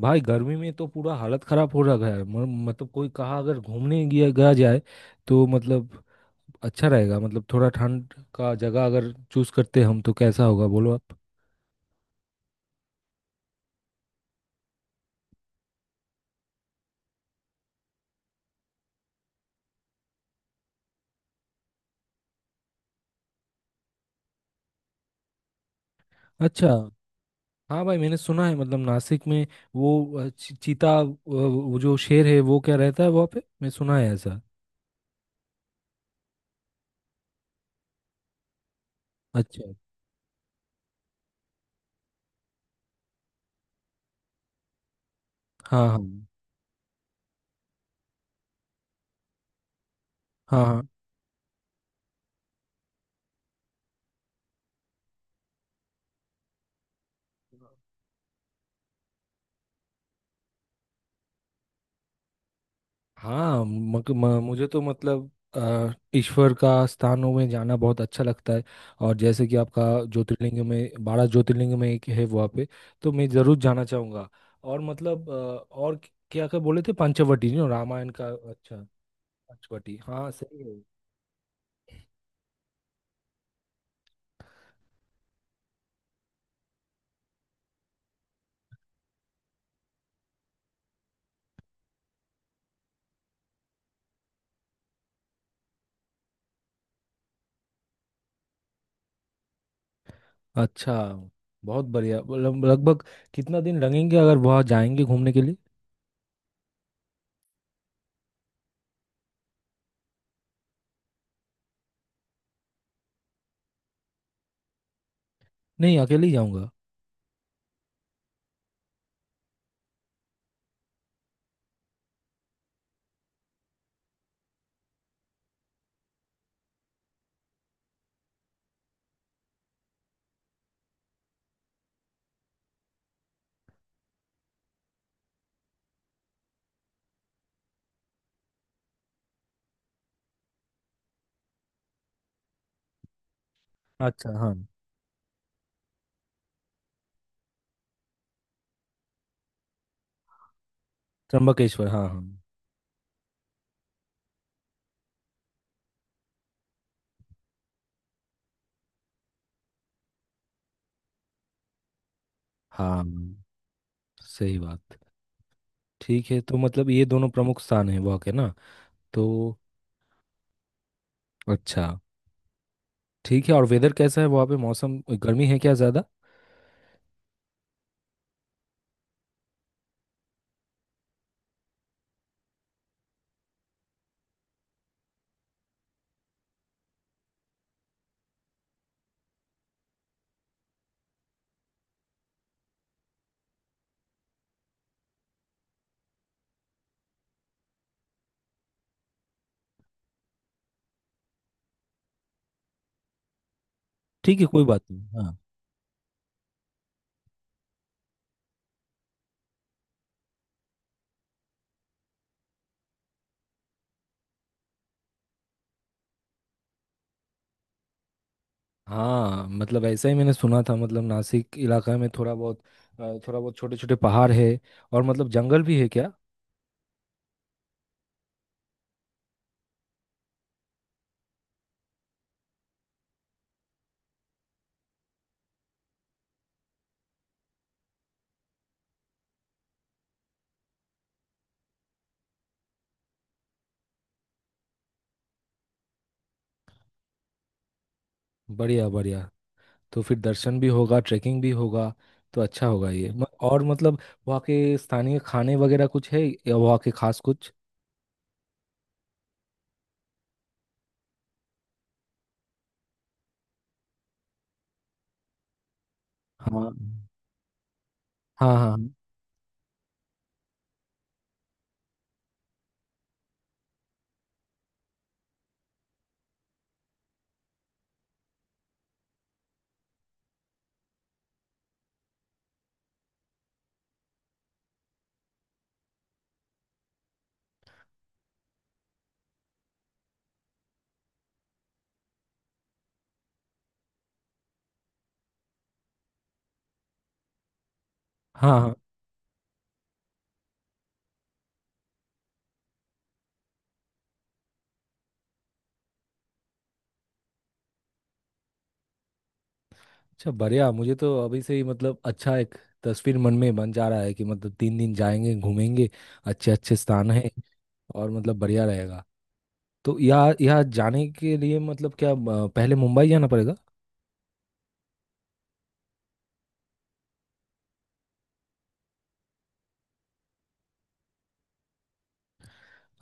भाई, गर्मी में तो पूरा हालत खराब हो रखा है। मतलब कोई कहा अगर घूमने गया गया जाए तो मतलब अच्छा रहेगा। मतलब थोड़ा ठंड का जगह अगर चूज करते हम तो कैसा होगा, बोलो आप। अच्छा। हाँ भाई, मैंने सुना है मतलब नासिक में वो चीता, वो जो शेर है वो क्या रहता है वहाँ पे, मैं सुना है ऐसा। अच्छा। हाँ, हाँ। हाँ, हाँ, हाँ, मुझे तो मतलब ईश्वर का स्थानों में जाना बहुत अच्छा लगता है। और जैसे कि आपका ज्योतिर्लिंग में, 12 ज्योतिर्लिंग में एक है वहाँ पे, तो मैं ज़रूर जाना चाहूँगा। और मतलब और क्या क्या बोले थे? पंचवटी, नहीं, रामायण का। अच्छा। पंचवटी, हाँ सही है। अच्छा। बहुत बढ़िया। मतलब लगभग कितना दिन लगेंगे अगर वहाँ जाएंगे घूमने के लिए? नहीं, अकेले ही जाऊँगा। अच्छा। हाँ। त्र्यंबकेश्वर, हाँ हाँ। हाँ, सही बात। ठीक है, तो मतलब ये दोनों प्रमुख स्थान है वहाँ के ना? तो अच्छा। ठीक है। और वेदर कैसा है वहाँ पे? मौसम, गर्मी है क्या ज़्यादा? ठीक है, कोई बात नहीं। हाँ। हाँ मतलब ऐसा ही मैंने सुना था, मतलब नासिक इलाका में थोड़ा बहुत थोड़ा बहुत छोटे छोटे पहाड़ है, और मतलब जंगल भी है क्या? बढ़िया, बढ़िया। तो फिर दर्शन भी होगा, ट्रैकिंग भी होगा, तो अच्छा होगा ये और मतलब वहाँ के स्थानीय खाने वगैरह कुछ है, या वहाँ के खास कुछ? हाँ। हाँ, हाँ। हाँ, हाँ। अच्छा बढ़िया, मुझे तो अभी से ही मतलब अच्छा एक तस्वीर मन में बन जा रहा है कि मतलब 3 दिन जाएंगे घूमेंगे, अच्छे अच्छे स्थान है, और मतलब बढ़िया रहेगा। तो यहाँ यहाँ जाने के लिए मतलब क्या, पहले मुंबई जाना पड़ेगा?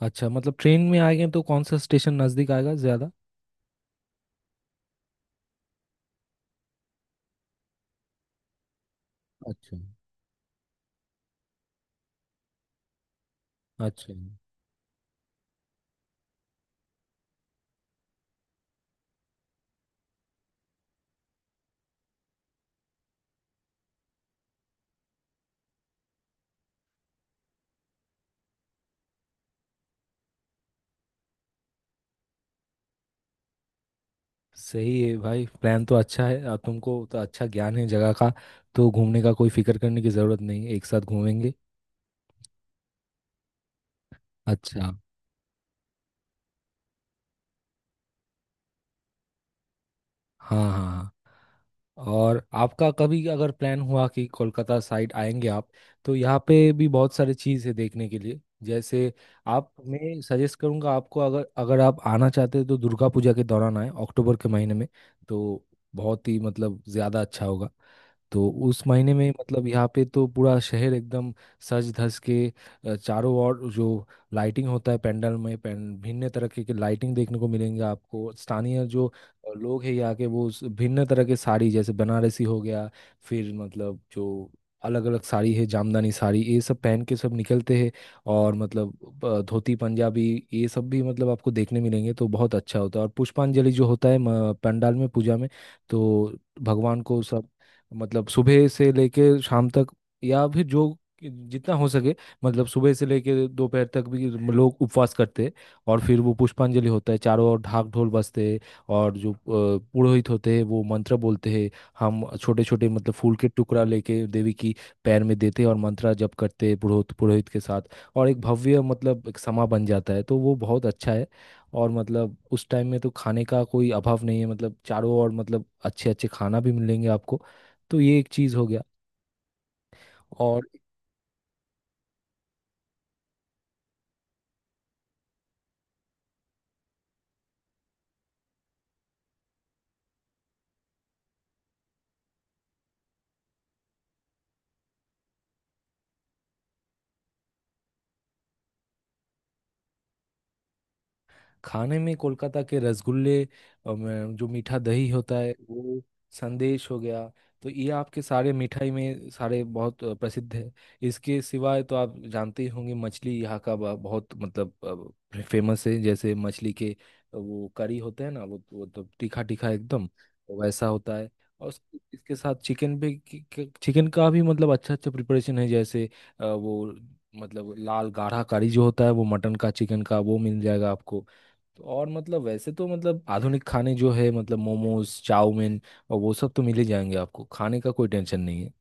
अच्छा, मतलब ट्रेन में आएंगे तो कौन सा स्टेशन नज़दीक आएगा ज़्यादा? अच्छा। अच्छा। सही है भाई, प्लान तो अच्छा है, और तुमको तो अच्छा ज्ञान है जगह का, तो घूमने का कोई फिक्र करने की ज़रूरत नहीं है, एक साथ घूमेंगे। अच्छा। हाँ, हाँ। और आपका कभी अगर प्लान हुआ कि कोलकाता साइड आएंगे आप, तो यहाँ पे भी बहुत सारी चीज़ है देखने के लिए, जैसे आप, मैं सजेस्ट करूँगा आपको, अगर अगर आप आना चाहते हैं तो दुर्गा पूजा के दौरान आए, अक्टूबर के महीने में, तो बहुत ही मतलब ज़्यादा अच्छा होगा। तो उस महीने में मतलब यहाँ पे तो पूरा शहर एकदम सज धज के, चारों ओर जो लाइटिंग होता है पंडाल में, पें भिन्न तरह के लाइटिंग देखने को मिलेंगे आपको, स्थानीय जो लोग हैं यहाँ के, वो उस भिन्न तरह के साड़ी, जैसे बनारसी हो गया, फिर मतलब जो अलग अलग साड़ी है, जामदानी साड़ी, ये सब पहन के सब निकलते हैं, और मतलब धोती पंजाबी, ये सब भी मतलब आपको देखने मिलेंगे, तो बहुत अच्छा होता है। और पुष्पांजलि जो होता है पंडाल में पूजा में, तो भगवान को सब मतलब सुबह से लेके शाम तक, या फिर जो जितना हो सके, मतलब सुबह से लेके दोपहर तक भी लोग उपवास करते हैं, और फिर वो पुष्पांजलि होता है, चारों ओर ढाक ढोल बजते हैं, और जो पुरोहित होते हैं वो मंत्र बोलते हैं, हम छोटे छोटे मतलब फूल के टुकड़ा लेके देवी की पैर में देते हैं और मंत्र जप करते हैं पुरोहित, पुरोहित के साथ, और एक भव्य मतलब एक समा बन जाता है, तो वो बहुत अच्छा है। और मतलब उस टाइम में तो खाने का कोई अभाव नहीं है, मतलब चारों ओर मतलब अच्छे अच्छे खाना भी मिलेंगे आपको। तो ये एक चीज़ हो गया। और खाने में कोलकाता के रसगुल्ले, जो मीठा दही होता है वो, संदेश हो गया, तो ये आपके सारे मिठाई में सारे बहुत प्रसिद्ध है। इसके सिवाय तो आप जानते ही होंगे, मछली यहाँ का बहुत मतलब फेमस है। जैसे मछली के वो करी होते हैं ना, वो तो तीखा तीखा एकदम, तो वैसा होता है। और इसके साथ चिकन भी, चिकन का भी मतलब अच्छा अच्छा प्रिपरेशन है, जैसे वो मतलब लाल गाढ़ा करी जो होता है वो, मटन का, चिकन का, वो मिल जाएगा आपको। तो और मतलब वैसे तो मतलब आधुनिक खाने जो है, मतलब मोमोज, चाउमीन और वो सब तो मिल ही जाएंगे आपको, खाने का कोई टेंशन नहीं है।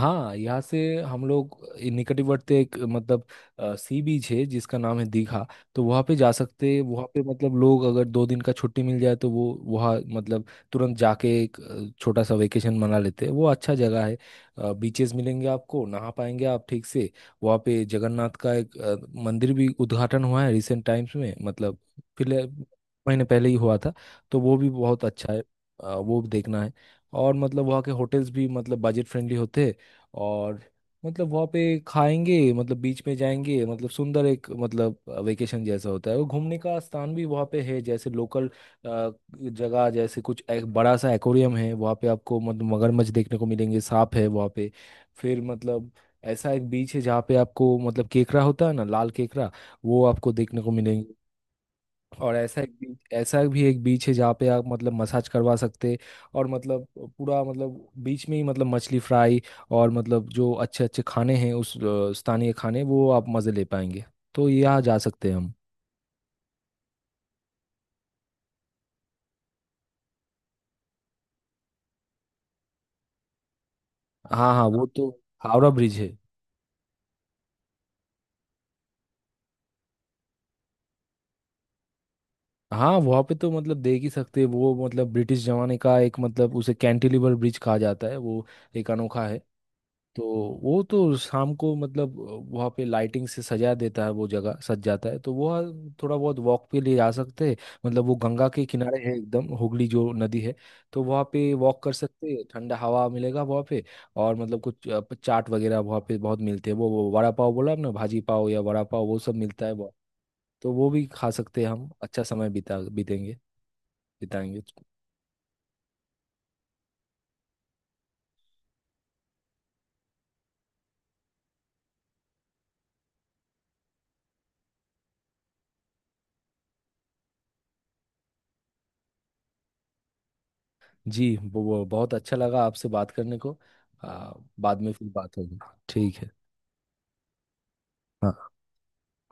हाँ, यहाँ से हम लोग निकटवर्ती एक मतलब सी बीच है जिसका नाम है दीघा, तो वहाँ पे जा सकते हैं। वहाँ पे मतलब लोग अगर 2 दिन का छुट्टी मिल जाए तो वो वहाँ मतलब तुरंत जाके एक छोटा सा वेकेशन मना लेते हैं। वो अच्छा जगह है, बीचेस मिलेंगे आपको, नहा पाएंगे आप ठीक से। वहाँ पे जगन्नाथ का एक मंदिर भी उद्घाटन हुआ है रिसेंट टाइम्स में, मतलब पिछले महीने पहले ही हुआ था, तो वो भी बहुत अच्छा है। वो भी देखना है। और मतलब वहाँ के होटल्स भी मतलब बजट फ्रेंडली होते हैं, और मतलब वहाँ पे खाएंगे, मतलब बीच में जाएंगे, मतलब सुंदर एक मतलब वेकेशन जैसा होता है, वो घूमने का स्थान भी वहाँ पे है, जैसे लोकल जगह, जैसे कुछ एक बड़ा सा एक्वेरियम है वहाँ पे, आपको मतलब मगरमच्छ देखने को मिलेंगे, सांप है वहाँ पे। फिर मतलब ऐसा एक बीच है जहाँ पे आपको मतलब केकड़ा होता है ना, लाल केकड़ा, वो आपको देखने को मिलेंगे। और ऐसा एक बीच, ऐसा भी एक बीच है जहाँ पे आप मतलब मसाज करवा सकते, और मतलब पूरा मतलब बीच में ही मतलब मछली फ्राई, और मतलब जो अच्छे अच्छे खाने हैं उस स्थानीय खाने वो आप मज़े ले पाएंगे, तो यहाँ जा सकते हैं हम। हाँ हाँ, वो तो हावड़ा ब्रिज है। हाँ वहाँ पे तो मतलब देख ही सकते हैं वो, मतलब ब्रिटिश जमाने का एक, मतलब उसे कैंटिलीवर ब्रिज कहा जाता है, वो एक अनोखा है। तो वो तो शाम को मतलब वहाँ पे लाइटिंग से सजा देता है, वो जगह सज जाता है, तो वह थोड़ा बहुत वॉक पे ले जा सकते हैं। मतलब वो गंगा के किनारे है एकदम, हुगली जो नदी है, तो वहाँ पे वॉक कर सकते हैं, ठंडा हवा मिलेगा वहाँ पे। और मतलब कुछ चाट वगैरह वहाँ पे बहुत मिलते हैं, वो वड़ा पाव बोला ना, भाजी पाव या वड़ा पाव, वो सब मिलता है बहुत। तो वो भी खा सकते हैं हम, अच्छा समय बिता बीतेंगे बिताएंगे। जी, वो बहुत अच्छा लगा आपसे बात करने को। आ, बाद में फिर बात होगी। ठीक है। हाँ।